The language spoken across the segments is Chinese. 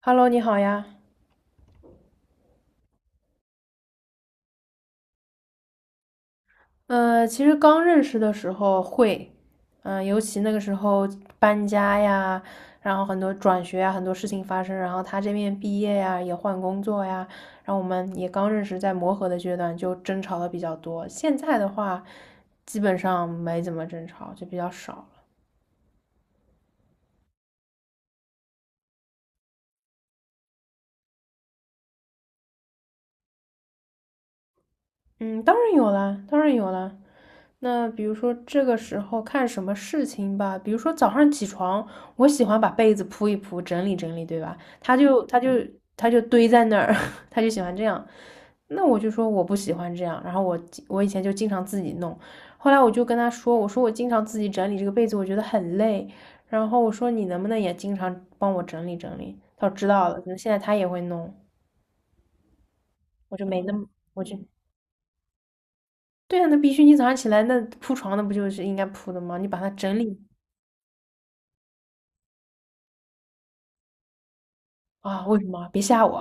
Hello，你好呀。其实刚认识的时候会，尤其那个时候搬家呀，然后很多转学呀，很多事情发生，然后他这边毕业呀，也换工作呀，然后我们也刚认识，在磨合的阶段就争吵的比较多。现在的话，基本上没怎么争吵，就比较少了。嗯，当然有啦，当然有啦。那比如说这个时候看什么事情吧，比如说早上起床，我喜欢把被子铺一铺，整理整理，对吧？他就堆在那儿，他就喜欢这样。那我就说我不喜欢这样，然后我以前就经常自己弄，后来我就跟他说，我说我经常自己整理这个被子，我觉得很累。然后我说你能不能也经常帮我整理整理？他说知道了，可能现在他也会弄，我就没那么，我就对啊，那必须你早上起来那铺床那不就是应该铺的吗？你把它整理。啊，为什么？别吓我！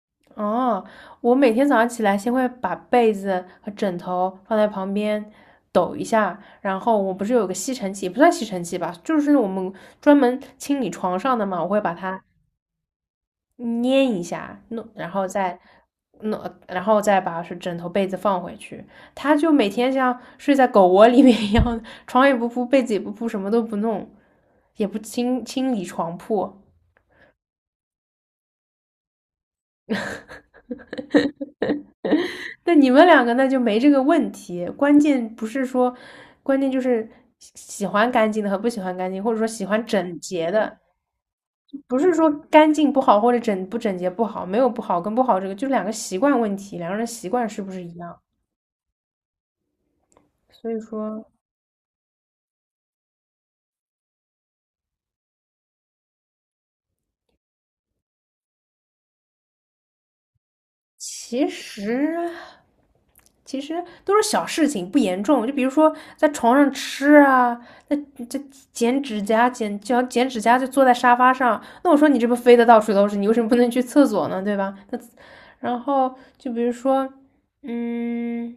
哦，我每天早上起来，先会把被子和枕头放在旁边抖一下，然后我不是有个吸尘器，也不算吸尘器吧，就是我们专门清理床上的嘛，我会把它捏一下，弄，然后再弄，然后再把是枕头被子放回去。他就每天像睡在狗窝里面一样，床也不铺，被子也不铺，什么都不弄，也不清理床铺。那你们两个那就没这个问题，关键不是说，关键就是喜欢干净的和不喜欢干净，或者说喜欢整洁的，不是说干净不好或者整不整洁不好，没有不好跟不好这个，就是两个习惯问题，两个人习惯是不是一样？所以说，其实其实都是小事情，不严重。就比如说在床上吃啊，那这剪指甲、剪脚、剪指甲，就坐在沙发上。那我说你这不飞的到处都是，你为什么不能去厕所呢？对吧？那然后就比如说，嗯。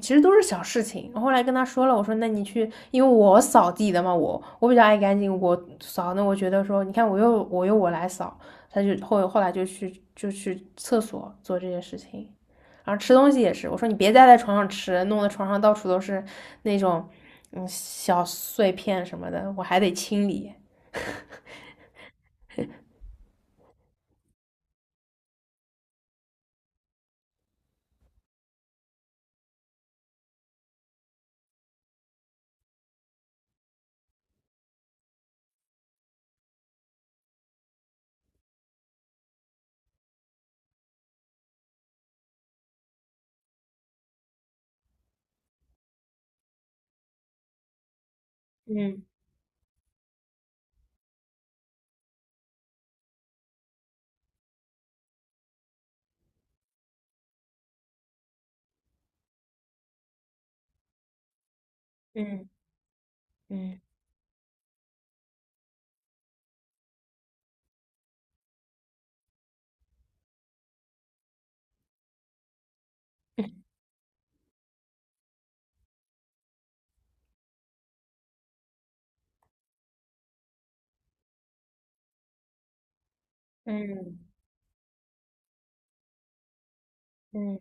其实都是小事情。我后来跟他说了，我说那你去，因为我扫地的嘛，我比较爱干净，我扫。那我觉得说，你看我又我来扫，他就后来就去厕所做这些事情，然后吃东西也是，我说你别再在床上吃，弄得床上到处都是那种小碎片什么的，我还得清理。嗯嗯嗯嗯嗯，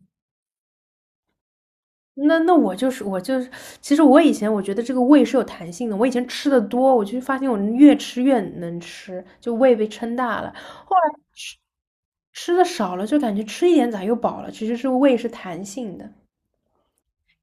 那我就是我就是，其实我以前我觉得这个胃是有弹性的，我以前吃的多，我就发现我越吃越能吃，就胃被撑大了。后来吃吃的少了，就感觉吃一点咋又饱了，其实是胃是弹性的。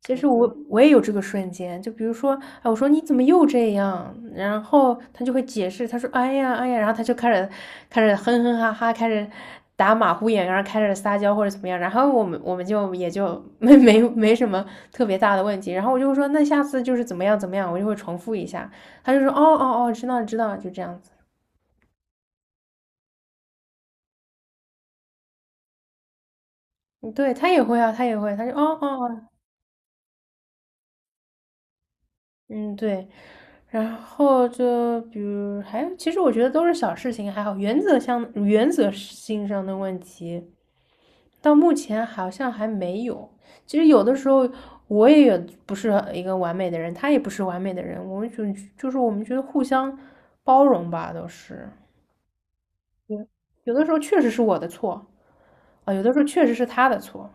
其实我也有这个瞬间，就比如说，哎，我说你怎么又这样？然后他就会解释，他说，哎呀，哎呀，然后他就开始哼哼哈哈，开始打马虎眼，然后开始撒娇或者怎么样。然后我们也就没什么特别大的问题。然后我就说，那下次就是怎么样怎么样，我就会重复一下。他就说，哦哦哦，知道知道，就这样子。嗯，对他也会啊，他也会，他就哦哦哦，嗯，对，然后就比如还有，其实我觉得都是小事情，还好，原则性上的问题，到目前好像还没有。其实有的时候我也有不是一个完美的人，他也不是完美的人，我们就就是我们觉得互相包容吧，都是有的时候确实是我的错啊，有的时候确实是他的错，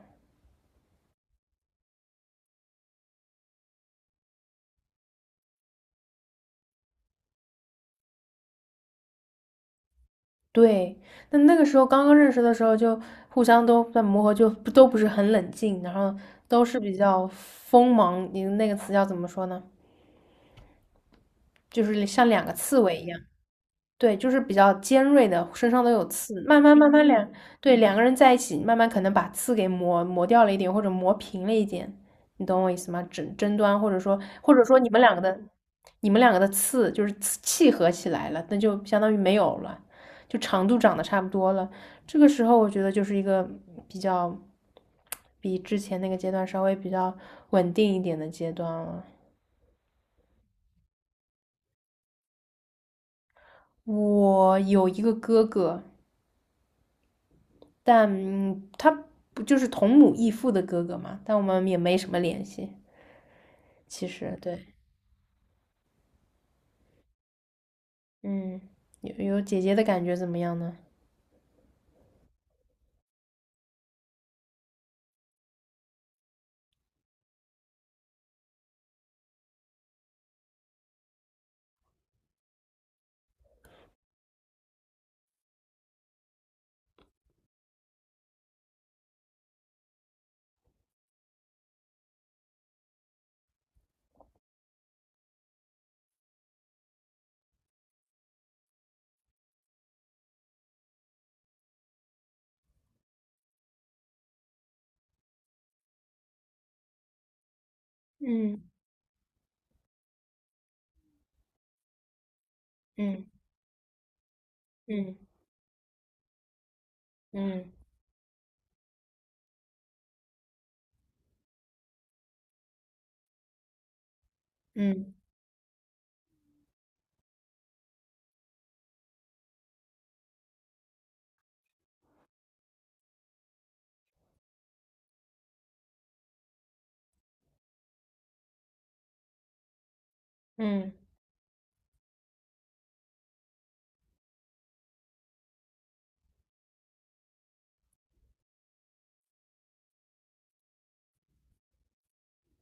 对，那那个时候刚刚认识的时候，就互相都在磨合，就不都不是很冷静，然后都是比较锋芒，你那个词叫怎么说呢？就是像两个刺猬一样。对，就是比较尖锐的，身上都有刺。慢慢慢慢两，对，两个人在一起，慢慢可能把刺给磨掉了一点，或者磨平了一点，你懂我意思吗？争端，或者说你们两个的，你们两个的刺就是刺契合起来了，那就相当于没有了，就长度长得差不多了。这个时候，我觉得就是一个比较，比之前那个阶段稍微比较稳定一点的阶段了。我有一个哥哥，但他不就是同母异父的哥哥嘛？但我们也没什么联系，其实对，嗯，有姐姐的感觉怎么样呢？嗯嗯嗯嗯嗯嗯。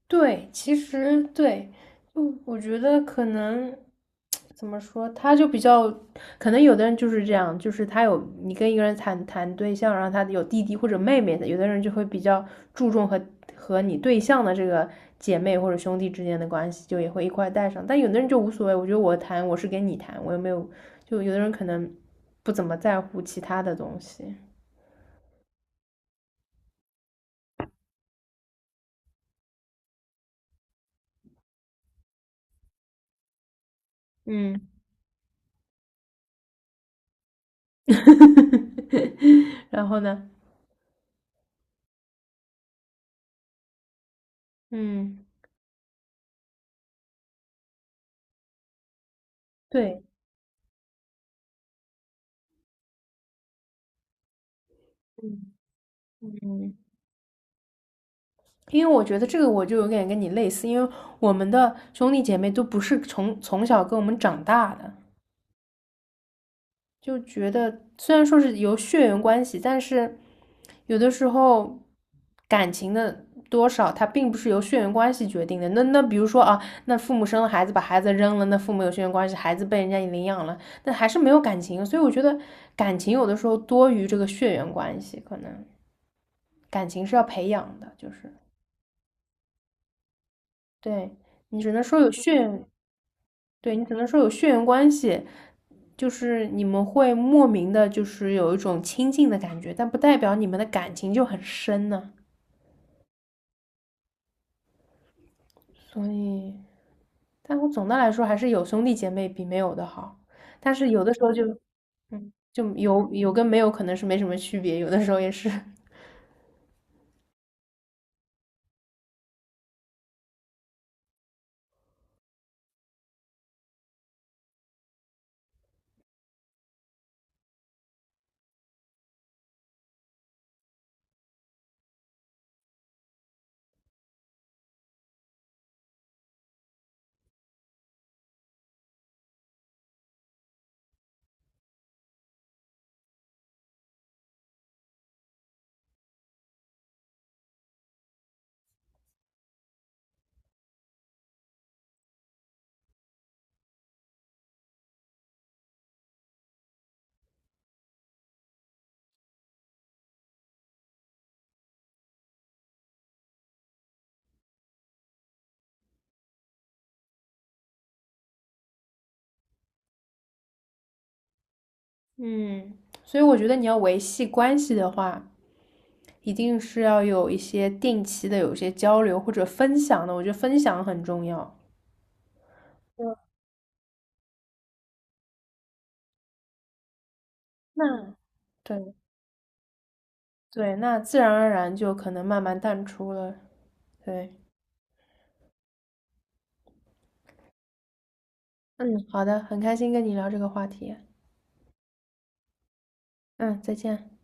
对，其实对，就我觉得可能怎么说，他就比较，可能有的人就是这样，就是他有你跟一个人谈谈对象，然后他有弟弟或者妹妹的，有的人就会比较注重和你对象的这个姐妹或者兄弟之间的关系，就也会一块带上，但有的人就无所谓，我觉得我谈我是跟你谈，我又没有，就有的人可能不怎么在乎其他的东西，嗯，然后呢，嗯，对。嗯。嗯，因为我觉得这个我就有点跟你类似，因为我们的兄弟姐妹都不是从小跟我们长大的，就觉得虽然说是由血缘关系，但是有的时候感情的多少，它并不是由血缘关系决定的。那比如说啊，那父母生了孩子，把孩子扔了，那父母有血缘关系，孩子被人家领养了，那还是没有感情。所以我觉得感情有的时候多于这个血缘关系，可能感情是要培养的，就是对。你只能说有血缘，对，你只能说有血缘关系，就是你们会莫名的，就是有一种亲近的感觉，但不代表你们的感情就很深呢、啊所以，但我总的来说还是有兄弟姐妹比没有的好。但是有的时候就有跟没有可能是没什么区别，有的时候也是。嗯，所以我觉得你要维系关系的话，一定是要有一些定期的有一些交流或者分享的，我觉得分享很重要。那对，对，那自然而然就可能慢慢淡出了。对，嗯，好的，很开心跟你聊这个话题。嗯，再见。